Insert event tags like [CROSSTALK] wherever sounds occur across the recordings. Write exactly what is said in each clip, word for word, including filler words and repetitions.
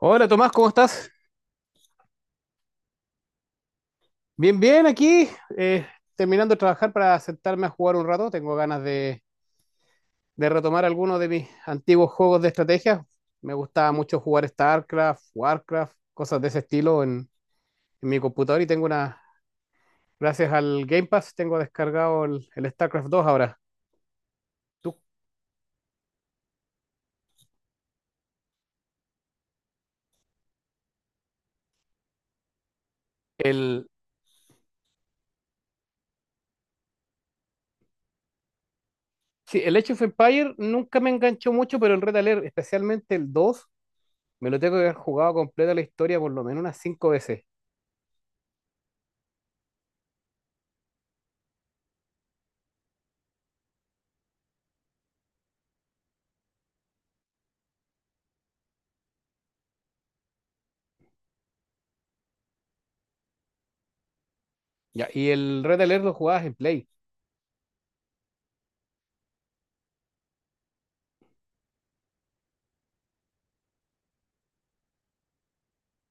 Hola Tomás, ¿cómo estás? Bien, bien, aquí, eh, terminando de trabajar para sentarme a jugar un rato. Tengo ganas de, de retomar algunos de mis antiguos juegos de estrategia. Me gustaba mucho jugar StarCraft, Warcraft, cosas de ese estilo en, en mi computador y tengo una, gracias al Game Pass, tengo descargado el, el StarCraft dos ahora. Tú, el, sí, el Age of Empire nunca me enganchó mucho, pero el Red Alert, especialmente el dos me lo tengo que haber jugado completa la historia por lo menos unas cinco veces. Ya, y el Red Alert lo jugabas en Play.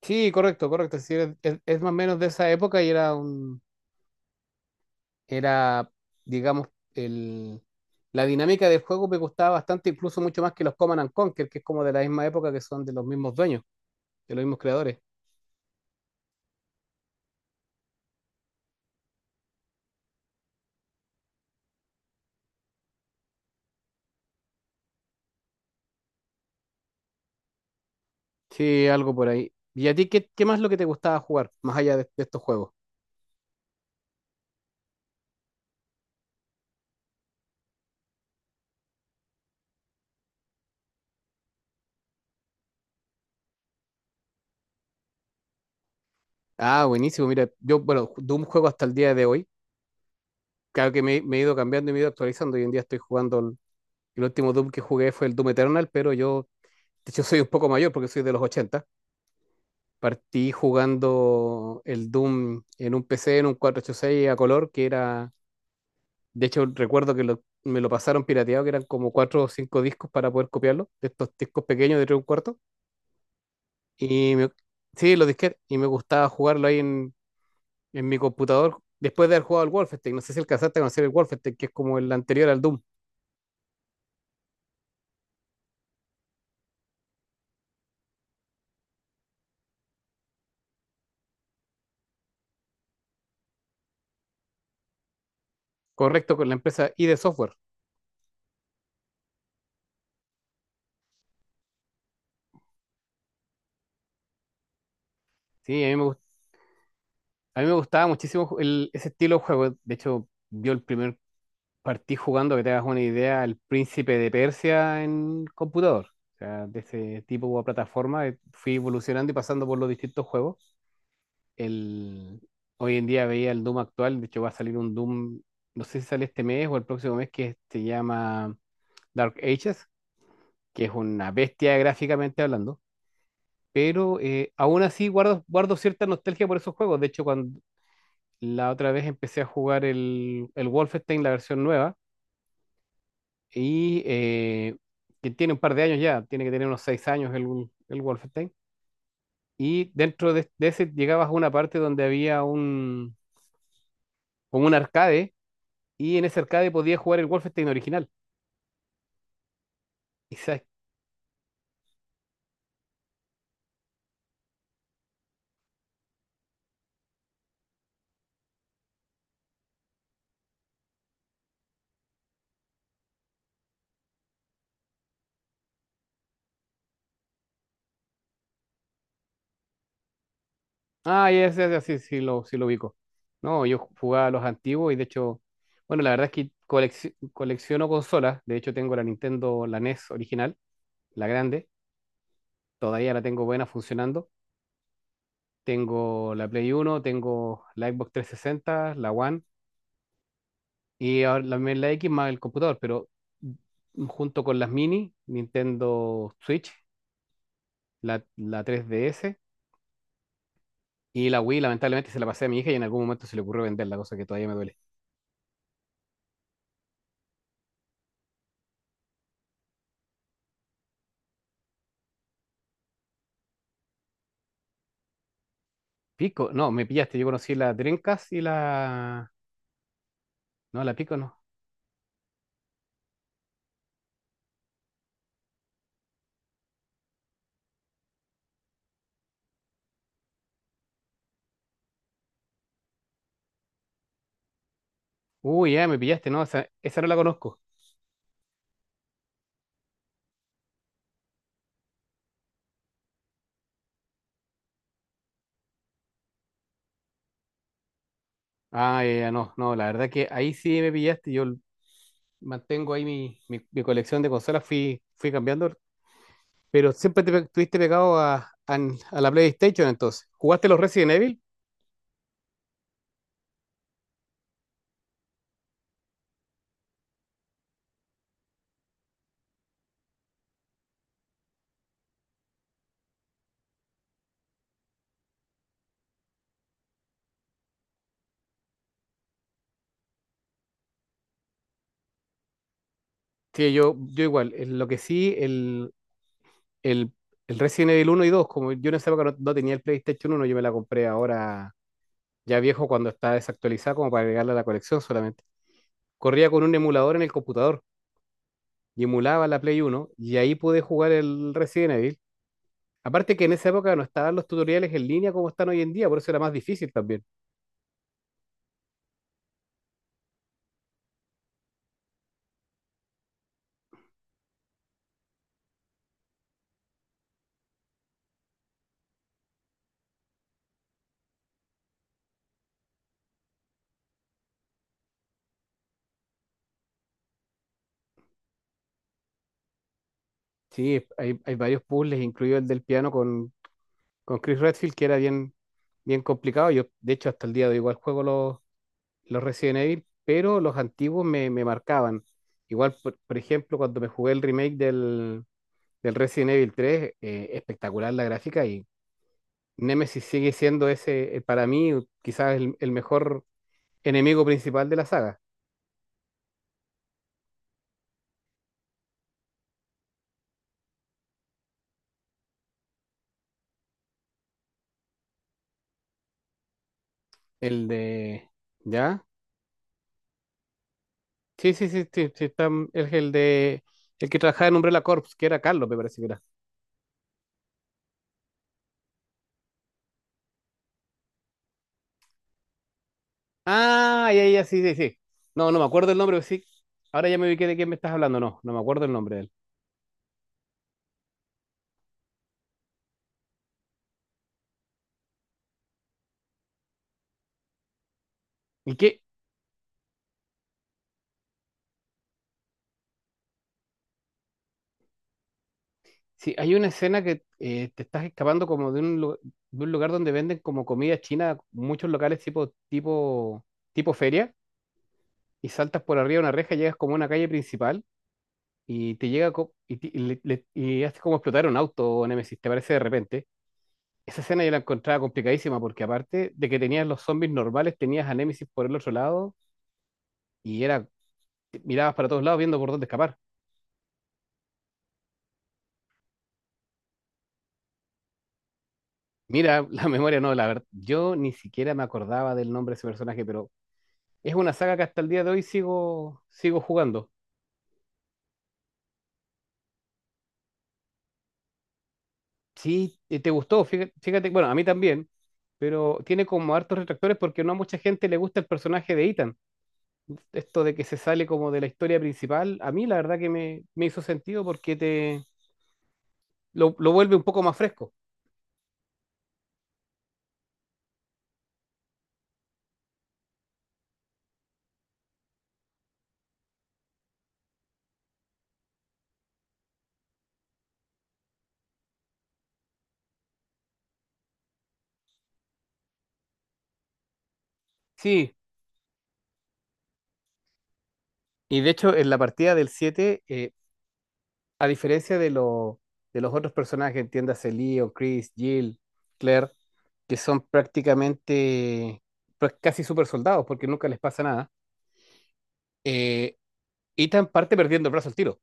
Sí, correcto, correcto. Es decir, es, es- es más o menos de esa época y era un, era, digamos, el, la dinámica del juego me gustaba bastante, incluso mucho más que los Command and Conquer, que es como de la misma época, que son de los mismos dueños, de los mismos creadores. Sí, algo por ahí. ¿Y a ti qué, qué más es lo que te gustaba jugar, más allá de, de estos juegos? Ah, buenísimo. Mira, yo, bueno, Doom juego hasta el día de hoy. Claro que me, me he ido cambiando y me he ido actualizando. Hoy en día estoy jugando, el, el último Doom que jugué fue el Doom Eternal, pero yo, de hecho, soy un poco mayor porque soy de los ochenta. Partí jugando el Doom en un P C, en un cuatrocientos ochenta y seis a color, que era, de hecho recuerdo que lo- me lo pasaron pirateado, que eran como cuatro o cinco discos para poder copiarlo, de estos discos pequeños de tres y un cuarto. Y me- sí, los disquetes, y me gustaba jugarlo ahí en, en mi computador, después de haber jugado al Wolfenstein, no sé si alcanzaste a conocer el Wolfenstein, que es como el anterior al Doom, correcto, con la empresa I D Software. Sí, a mí me, gust- a mí me gustaba muchísimo el- ese estilo de juego, de hecho, yo el primer Partí jugando, que te hagas una idea, el Príncipe de Persia en computador. O sea, de ese tipo de plataforma eh, fui evolucionando y pasando por los distintos juegos. El... Hoy en día veía el Doom actual, de hecho va a salir un Doom, no sé si sale este mes o el próximo mes, que se llama Dark Ages, que es una bestia gráficamente hablando. Pero eh, aún así guardo, guardo cierta nostalgia por esos juegos. De hecho, cuando la otra vez empecé a jugar el, el Wolfenstein, la versión nueva, y eh, que tiene un par de años ya, tiene que tener unos seis años el, el Wolfenstein. Y dentro de, de ese llegabas a una parte donde había un, como un arcade, y en ese arcade podías jugar el Wolfenstein original. Y sabes- ah, ya, ya, ya, sí, sí lo, sí lo ubico. No, yo jugaba a los antiguos y de hecho, bueno, la verdad es que colec- colecciono consolas. De hecho, tengo la Nintendo, la NES original, la grande. Todavía la tengo buena funcionando. Tengo la Play Uno, tengo la Xbox trescientos sesenta, la One y ahora la, la X más el computador, pero junto con las mini, Nintendo Switch, la, la tres D S y la Wii, lamentablemente se la pasé a mi hija y en algún momento se le ocurrió venderla, cosa que todavía me duele. Pico, no, me pillaste, yo conocí la Dreamcast y la... No, la Pico no. Uy, ya, me pillaste, no, esa, esa no la conozco. Ah, ya, ya, no, no, la verdad que ahí sí me pillaste, yo mantengo ahí mi, mi, mi colección de consolas, fui, fui cambiando, pero siempre te pe- estuviste pegado a, a a la PlayStation entonces. ¿Jugaste los Resident Evil? Sí, yo, yo igual. Eh, Lo que sí, el, el, el Resident Evil uno y dos, como yo en esa época no, no tenía el PlayStation uno, yo me la compré ahora ya viejo cuando está desactualizada como para agregarla a la colección solamente. Corría con un emulador en el computador y emulaba la Play uno y ahí pude jugar el Resident Evil. Aparte que en esa época no estaban los tutoriales en línea como están hoy en día, por eso era más difícil también. Sí, hay, hay varios puzzles, incluido el del piano con, con Chris Redfield, que era bien, bien complicado. Yo, de hecho, hasta el día de hoy igual juego los, los Resident Evil, pero los antiguos me, me marcaban. Igual, por, por ejemplo, cuando me jugué el remake del, del Resident Evil tres, eh, espectacular la gráfica y Nemesis sigue siendo ese, eh, para mí, quizás el, el mejor enemigo principal de la saga. El de... ¿Ya? Sí, sí, sí, sí, sí, está, es el de... El que trabajaba en Umbrella Corps, que era Carlos, me parece que era. Ah, ya, ya, sí, sí, sí. No, no me acuerdo el nombre, pero sí. Ahora ya me ubiqué de quién me estás hablando, no, no me acuerdo el nombre de él. ¿Y qué, sí, hay una escena que eh, te estás escapando como de un, lu- de un lugar donde venden como comida china, muchos locales tipo, tipo, tipo feria, y saltas por arriba de una reja, llegas como a una calle principal y te llega co- y, ti- y le- le- y hace como explotar un auto, Nemesis, te parece de repente. Esa escena yo la encontraba complicadísima porque aparte de que tenías los zombies normales, tenías a Nemesis por el otro lado y era, mirabas para todos lados viendo por dónde escapar. Mira, [LAUGHS] la memoria no, la verdad, yo ni siquiera me acordaba del nombre de ese personaje, pero es una saga que hasta el día de hoy sigo, sigo jugando. Sí, eh, te gustó, fíjate, fíjate, bueno, a mí también, pero tiene como hartos retractores porque no a mucha gente le gusta el personaje de Ethan. Esto de que se sale como de la historia principal, a mí la verdad que me, me hizo sentido porque te lo, lo vuelve un poco más fresco. Sí, y de hecho en la partida del siete, a diferencia de, lo- de los otros personajes, entiéndase Leo, Chris, Jill, Claire, que son prácticamente pues, casi super soldados porque nunca les pasa nada, eh, Ethan parte perdiendo el brazo al tiro.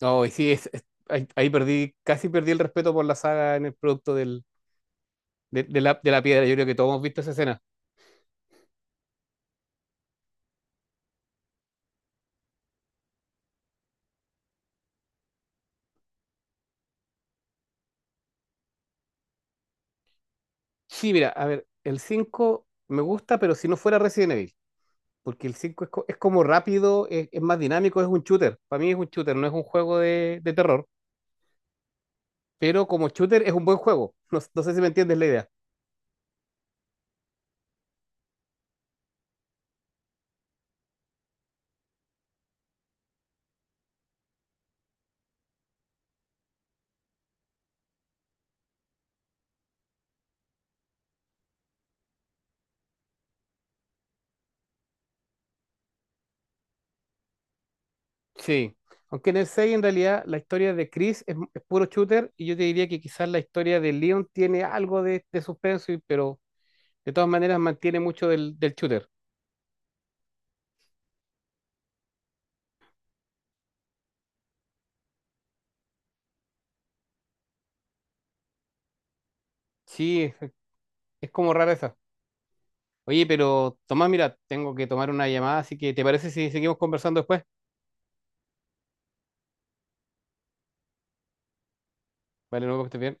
No, y sí, es, es- ahí, ahí perdí, casi perdí el respeto por la saga en el producto del, de, de la, de la piedra. Yo creo que todos hemos visto esa escena. Sí, mira, a ver, el cinco me gusta, pero si no fuera Resident Evil, porque el cinco es, co- es como rápido, es, es más dinámico, es un shooter. Para mí es un shooter, no es un juego de de terror. Pero como shooter es un buen juego. [LAUGHS] No, no sé si me entiendes la idea. Sí. Aunque en el seis en realidad la historia de Chris es, es puro shooter y yo te diría que quizás la historia de Leon tiene algo de, de suspenso, y- pero de todas maneras mantiene mucho del, del shooter. Sí, es, es como rara esa. Oye, pero Tomás, mira, tengo que tomar una llamada, así que ¿te parece si seguimos conversando después? Vale, luego que estés bien.